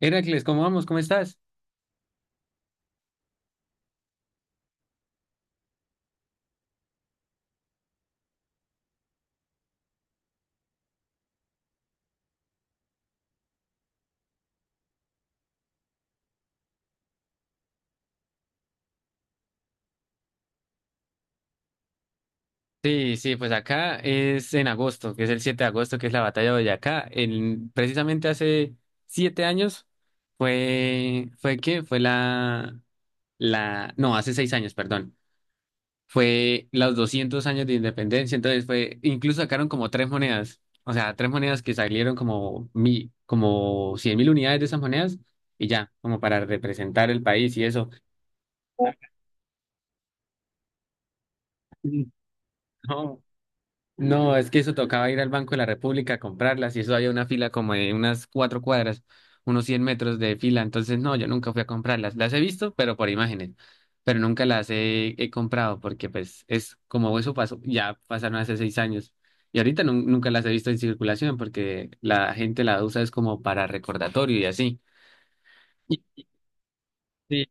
Heracles, ¿cómo vamos? ¿Cómo estás? Sí, sí, pues acá es en agosto, que es el 7 de agosto, que es la Batalla de Boyacá. Precisamente hace siete años fue, ¿fue qué? Fue la, la, no, hace seis años, perdón. Fue los 200 años de independencia. Entonces fue, incluso sacaron como tres monedas, o sea, tres monedas que salieron como como 100 mil unidades de esas monedas y ya, como para representar el país y eso. No, es que eso tocaba ir al Banco de la República a comprarlas, y eso había una fila como de unas cuatro cuadras, unos 100 metros de fila. Entonces, no, yo nunca fui a comprarlas. Las he visto, pero por imágenes, pero nunca las he comprado, porque pues es como eso pasó, ya pasaron hace seis años y ahorita nunca las he visto en circulación, porque la gente la usa es como para recordatorio y así. Sí.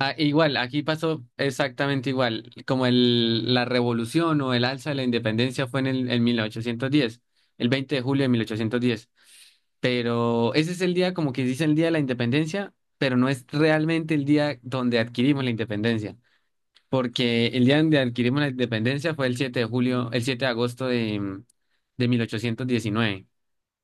Ah, igual, aquí pasó exactamente igual, como la revolución o el alza de la independencia fue en el en 1810, el 20 de julio de 1810. Pero ese es el día como que dice el día de la independencia, pero no es realmente el día donde adquirimos la independencia, porque el día donde adquirimos la independencia fue el 7 de julio, el 7 de agosto de 1819.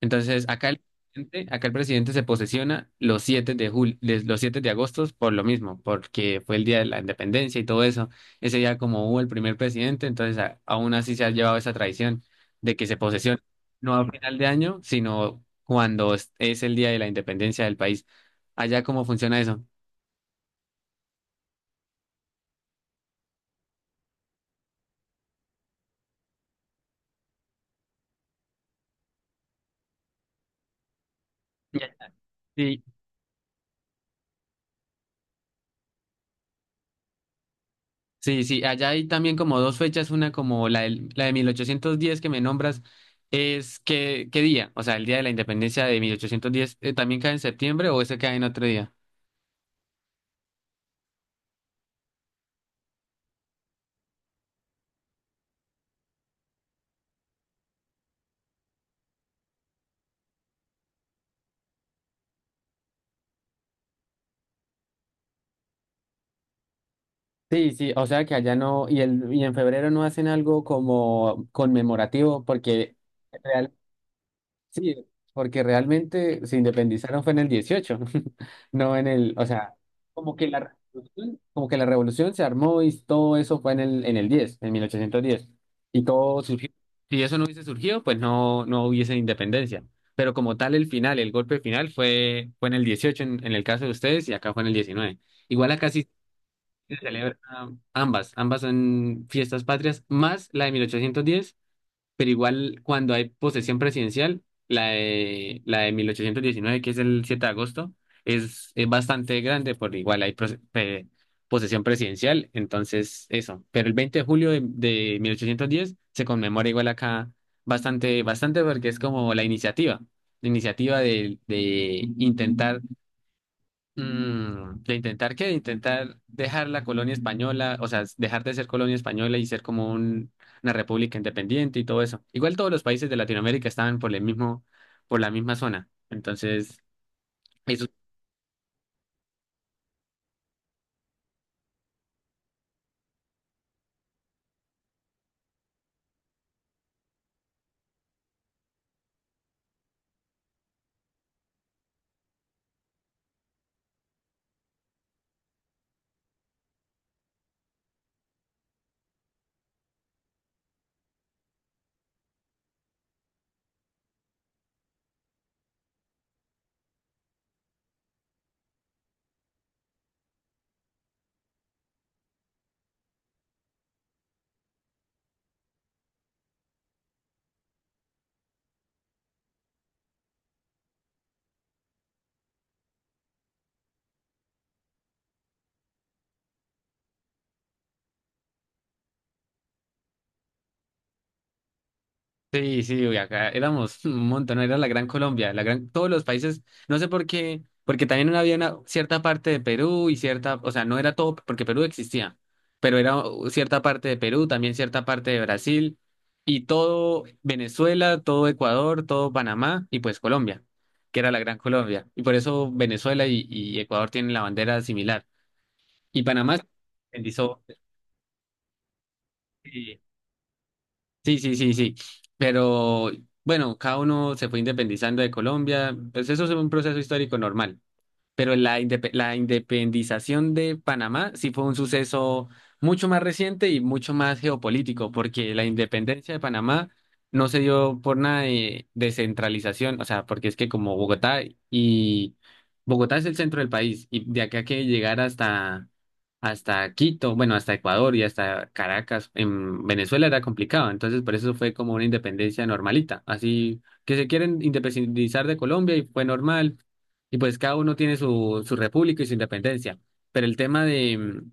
Entonces, acá el presidente se posesiona los 7 de julio, los 7 de agosto por lo mismo, porque fue el día de la independencia y todo eso. Ese día como hubo el primer presidente, entonces aún así se ha llevado esa tradición de que se posesiona no a final de año, sino cuando es el día de la independencia del país. Allá cómo funciona eso. Ya. Sí. Sí, sí, allá hay también como dos fechas, una como la de 1810 que me nombras, es qué día, o sea, el día de la independencia de 1810, ¿también cae en septiembre o ese cae en otro día? Sí, sí, o sea que allá no, y en febrero no hacen algo como conmemorativo, porque… Sí, porque realmente se independizaron fue en el 18, no en el, o sea, como que la revolución se armó y todo eso fue en el 10, en mil ochocientos diez. Y todo surgió. Si eso no hubiese surgido, pues no hubiese independencia. Pero como tal el final, el golpe final fue en el 18 en el caso de ustedes, y acá fue en el 19. Igual acá sí se celebra ambas son fiestas patrias, más la de mil ochocientos diez, pero igual cuando hay posesión presidencial, la de 1819 que es el 7 de agosto, es bastante grande, por igual hay posesión presidencial, entonces eso. Pero el 20 de julio de 1810 se conmemora igual acá bastante porque es como la iniciativa, de intentar… Mm, ¿de intentar qué? De intentar dejar la colonia española, o sea, dejar de ser colonia española y ser como una república independiente y todo eso. Igual todos los países de Latinoamérica estaban por el mismo, por la misma zona. Entonces… Sí, sí, uy, acá éramos un montón, era la Gran Colombia, la gran, todos los países, no sé por qué, porque también no había una cierta parte de Perú y cierta, o sea, no era todo, porque Perú existía, pero era cierta parte de Perú, también cierta parte de Brasil, y todo Venezuela, todo Ecuador, todo Panamá, y pues Colombia, que era la Gran Colombia, y por eso Venezuela y Ecuador tienen la bandera similar, y Panamá se independizó, eh. Sí, sí, sí, sí. Pero bueno, cada uno se fue independizando de Colombia. Pues eso es un proceso histórico normal, pero la independización de Panamá sí fue un suceso mucho más reciente y mucho más geopolítico, porque la independencia de Panamá no se dio por nada de descentralización, o sea, porque es que como Bogotá y Bogotá es el centro del país, y de acá que llegar hasta Quito, bueno, hasta Ecuador y hasta Caracas en Venezuela era complicado, entonces por eso fue como una independencia normalita, así que se quieren independizar de Colombia y fue normal, y pues cada uno tiene su, su república y su independencia. Pero el tema de, mm,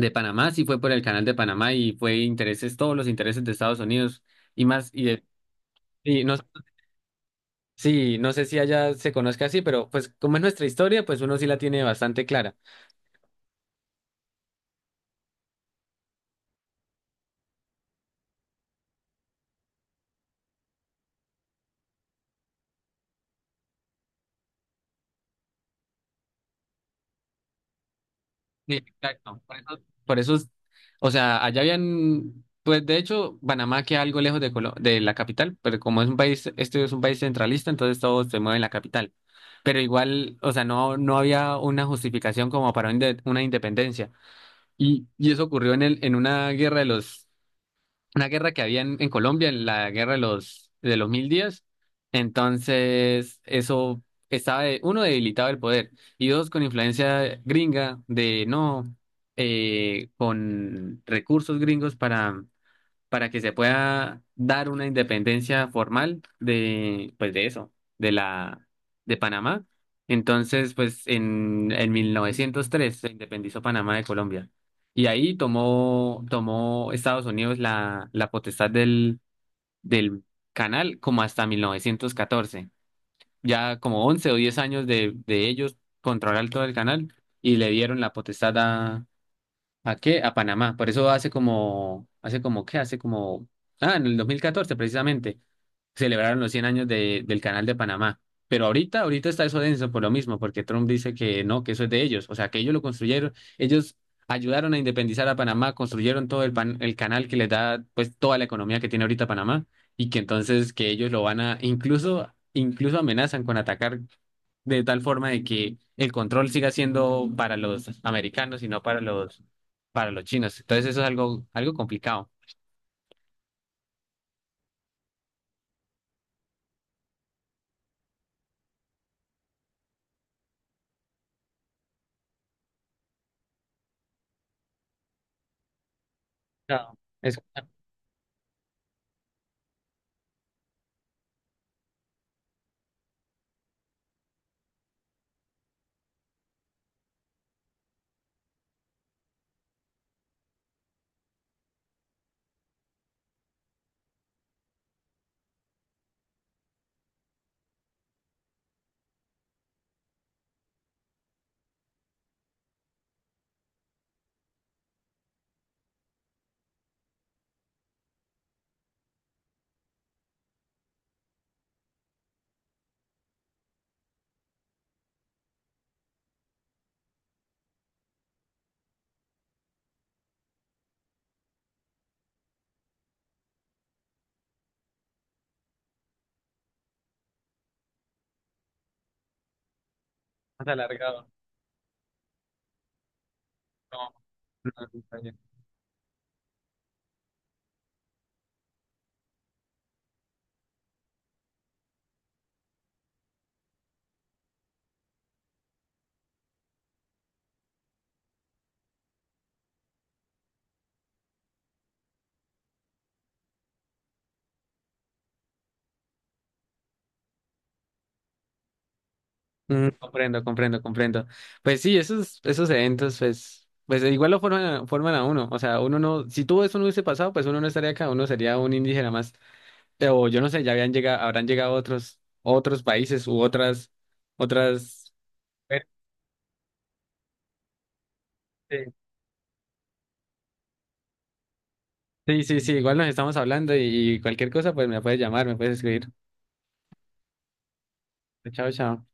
de Panamá sí fue por el Canal de Panamá y fue intereses, todos los intereses de Estados Unidos y más, y no, sí, no sé si allá se conozca así, pero pues como es nuestra historia, pues uno sí la tiene bastante clara. Sí, exacto. Por eso, por eso es- o sea, allá habían, pues de hecho, Panamá queda algo lejos de, de la capital, pero como es un país, este es un país centralista, entonces todo se mueve en la capital. Pero igual, o sea, no, no había una justificación como para una independencia. Y eso ocurrió en una guerra que había en Colombia, en la guerra de los Mil Días. Entonces, eso estaba, uno, debilitado el poder, y dos, con influencia gringa de no, con recursos gringos para que se pueda dar una independencia formal de, pues de eso, de la, de Panamá. Entonces, pues en 1903 se independizó Panamá de Colombia. Y ahí tomó Estados Unidos la potestad del canal como hasta 1914. Ya como 11 o 10 años de ellos controlar todo el canal, y le dieron la potestad ¿a qué? A Panamá. Por eso hace como, ¿qué? Hace como, ah, en el 2014 precisamente, celebraron los 100 años del Canal de Panamá. Pero ahorita está eso denso por lo mismo, porque Trump dice que no, que eso es de ellos, o sea, que ellos lo construyeron, ellos ayudaron a independizar a Panamá, construyeron todo el canal que les da pues toda la economía que tiene ahorita Panamá, y que entonces que ellos lo van a, incluso amenazan con atacar de tal forma de que el control siga siendo para los americanos y no para los, para los chinos. Entonces eso es algo, algo complicado. Claro, es bastante alargado. No, no, no, no. Mm, comprendo, comprendo, comprendo. Pues sí, esos eventos, pues, pues igual lo forman, forman a uno. O sea, uno no, si todo eso no hubiese pasado, pues uno no estaría acá, uno sería un indígena más. O yo no sé, ya habían llegado, habrán llegado otros, otros países u otras, otras. este, Sí, sí, sí, igual nos estamos hablando, y cualquier cosa, pues me puedes llamar, me puedes escribir. Chao, chao.